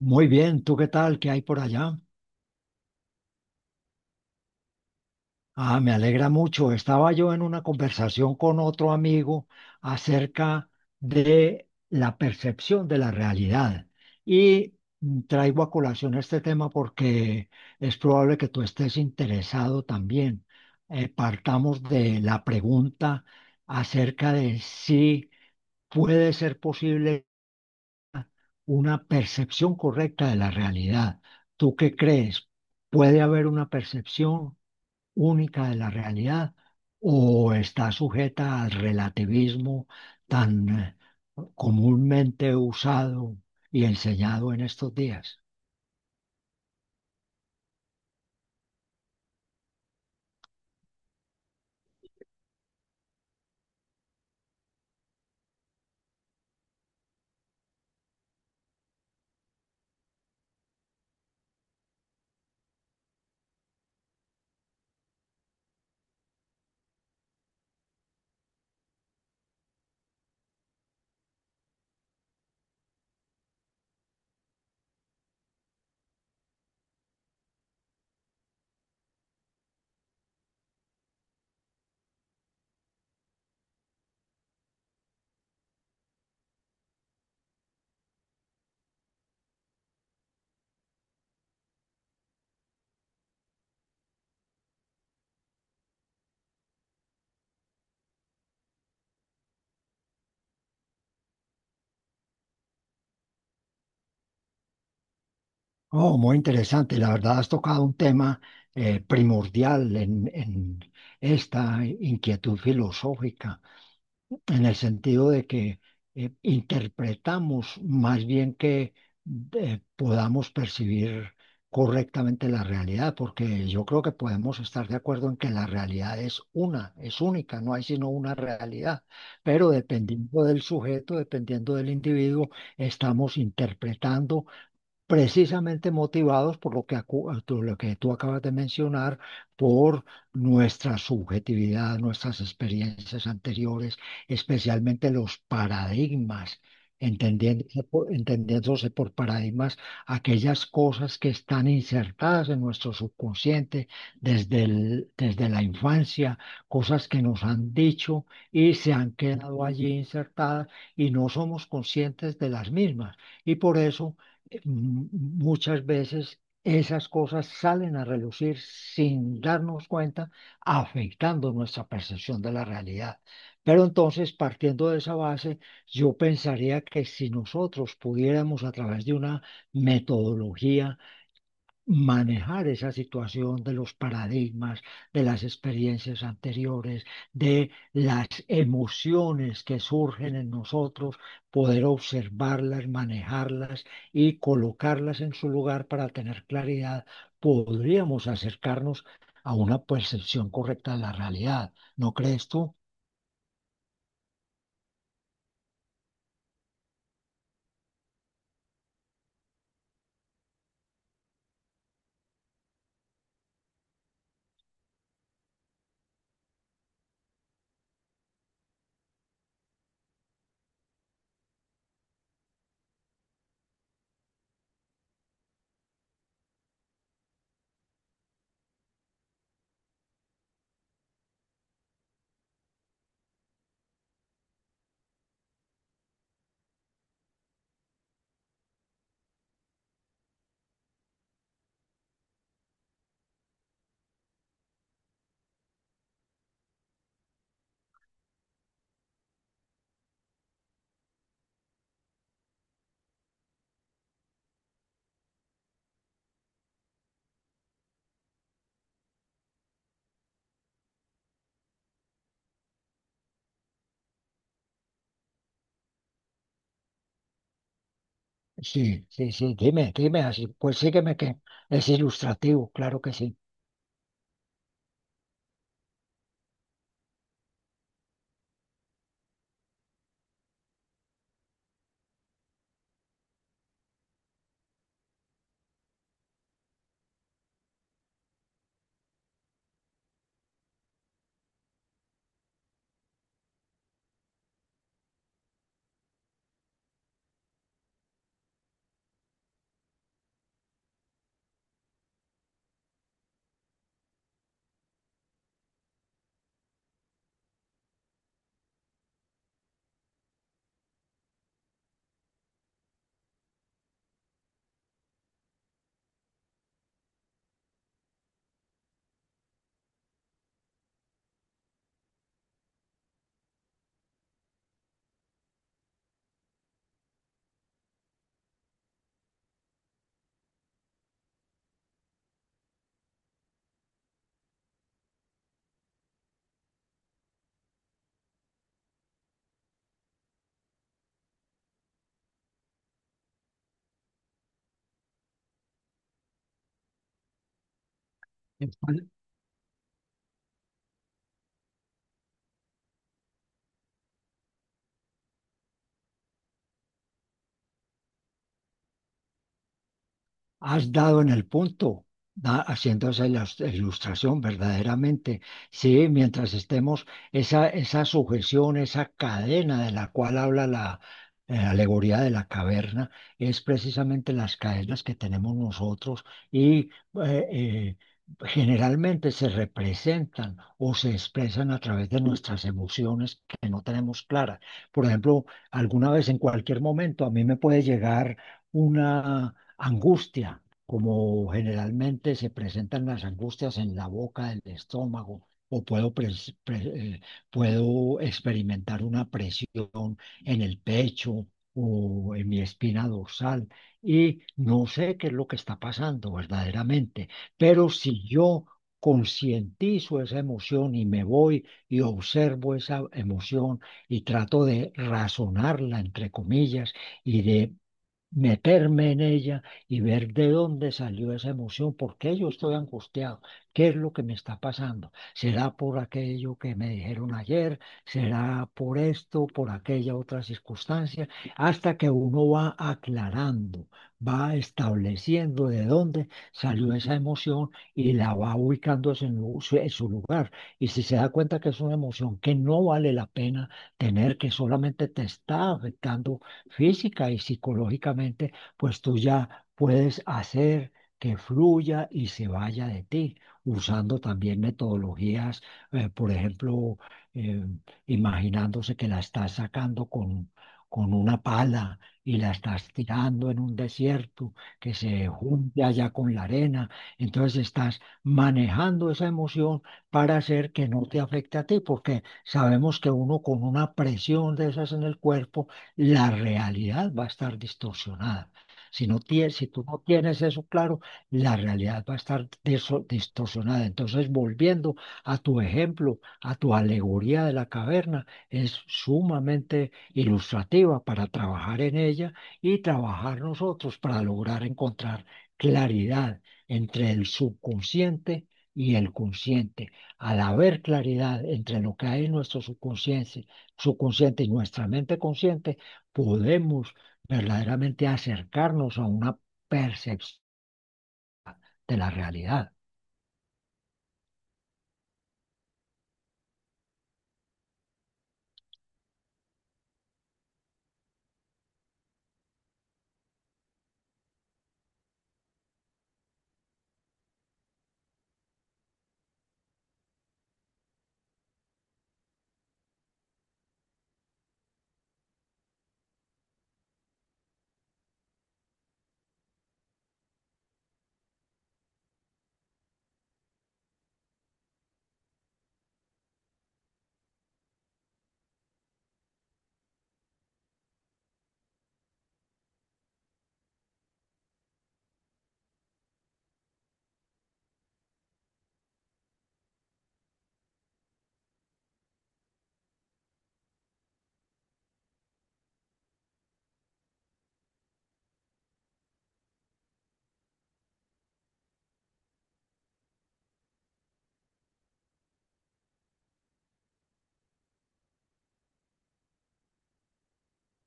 Muy bien, ¿tú qué tal? ¿Qué hay por allá? Ah, me alegra mucho. Estaba yo en una conversación con otro amigo acerca de la percepción de la realidad y traigo a colación este tema porque es probable que tú estés interesado también. Partamos de la pregunta acerca de si puede ser posible una percepción correcta de la realidad. ¿Tú qué crees? ¿Puede haber una percepción única de la realidad o está sujeta al relativismo tan comúnmente usado y enseñado en estos días? Oh, muy interesante. La verdad has tocado un tema primordial en esta inquietud filosófica, en el sentido de que interpretamos más bien que podamos percibir correctamente la realidad, porque yo creo que podemos estar de acuerdo en que la realidad es una, es única, no hay sino una realidad, pero dependiendo del sujeto, dependiendo del individuo, estamos interpretando precisamente motivados por lo que tú acabas de mencionar, por nuestra subjetividad, nuestras experiencias anteriores, especialmente los paradigmas. Entendiéndose por paradigmas aquellas cosas que están insertadas en nuestro subconsciente desde la infancia, cosas que nos han dicho y se han quedado allí insertadas, y no somos conscientes de las mismas. Y por eso muchas veces esas cosas salen a relucir sin darnos cuenta, afectando nuestra percepción de la realidad. Pero entonces, partiendo de esa base, yo pensaría que si nosotros pudiéramos a través de una metodología manejar esa situación de los paradigmas, de las experiencias anteriores, de las emociones que surgen en nosotros, poder observarlas, manejarlas y colocarlas en su lugar para tener claridad, podríamos acercarnos a una percepción correcta de la realidad. ¿No crees tú? Sí, sí, sí, dime, dime así. Pues sígueme que es ilustrativo, claro que sí. Has dado en el punto, haciendo esa ilustración verdaderamente. Sí, mientras estemos, esa sujeción, esa cadena de la cual habla la alegoría de la caverna, es precisamente las cadenas que tenemos nosotros y eh, eh, generalmente se representan o se expresan a través de nuestras emociones que no tenemos claras. Por ejemplo, alguna vez en cualquier momento a mí me puede llegar una angustia, como generalmente se presentan las angustias en la boca del estómago, o puedo, puedo experimentar una presión en el pecho o en mi espina dorsal, y no sé qué es lo que está pasando verdaderamente, pero si yo concientizo esa emoción y me voy y observo esa emoción y trato de razonarla, entre comillas, y de meterme en ella y ver de dónde salió esa emoción, por qué yo estoy angustiado, qué es lo que me está pasando. ¿Será por aquello que me dijeron ayer? ¿Será por esto, por aquella otra circunstancia? Hasta que uno va aclarando, va estableciendo de dónde salió esa emoción y la va ubicando en lu- su en su lugar. Y si se da cuenta que es una emoción que no vale la pena tener, que solamente te está afectando física y psicológicamente, pues tú ya puedes hacer que fluya y se vaya de ti, usando también metodologías. Por ejemplo, eh, imaginándose que la estás sacando con una pala y la estás tirando en un desierto, que se junte allá con la arena. Entonces estás manejando esa emoción para hacer que no te afecte a ti, porque sabemos que uno con una presión de esas en el cuerpo, la realidad va a estar distorsionada. Si no tienes, si tú no tienes eso claro, la realidad va a estar distorsionada. Entonces, volviendo a tu ejemplo, a tu alegoría de la caverna, es sumamente ilustrativa para trabajar en ella y trabajar nosotros para lograr encontrar claridad entre el subconsciente y el consciente. Al haber claridad entre lo que hay en nuestro subconsciente y nuestra mente consciente, podemos verdaderamente acercarnos a una percepción de la realidad.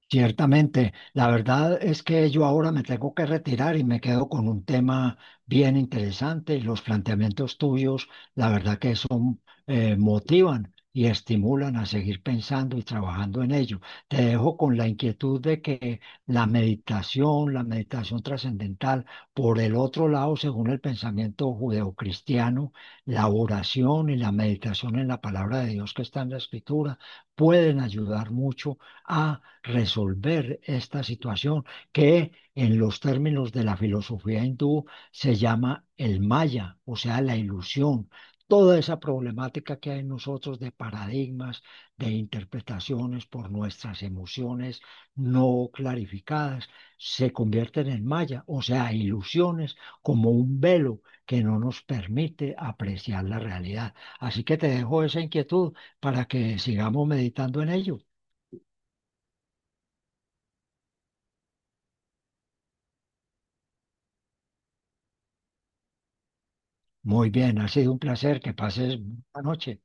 Ciertamente, la verdad es que yo ahora me tengo que retirar y me quedo con un tema bien interesante. Los planteamientos tuyos, la verdad que son, motivan y estimulan a seguir pensando y trabajando en ello. Te dejo con la inquietud de que la meditación trascendental, por el otro lado, según el pensamiento judeocristiano, la oración y la meditación en la palabra de Dios que está en la escritura, pueden ayudar mucho a resolver esta situación, que en los términos de la filosofía hindú se llama el maya, o sea, la ilusión. Toda esa problemática que hay en nosotros de paradigmas, de interpretaciones por nuestras emociones no clarificadas, se convierten en maya, o sea, ilusiones como un velo que no nos permite apreciar la realidad. Así que te dejo esa inquietud para que sigamos meditando en ello. Muy bien, ha sido un placer. Que pases buena noche.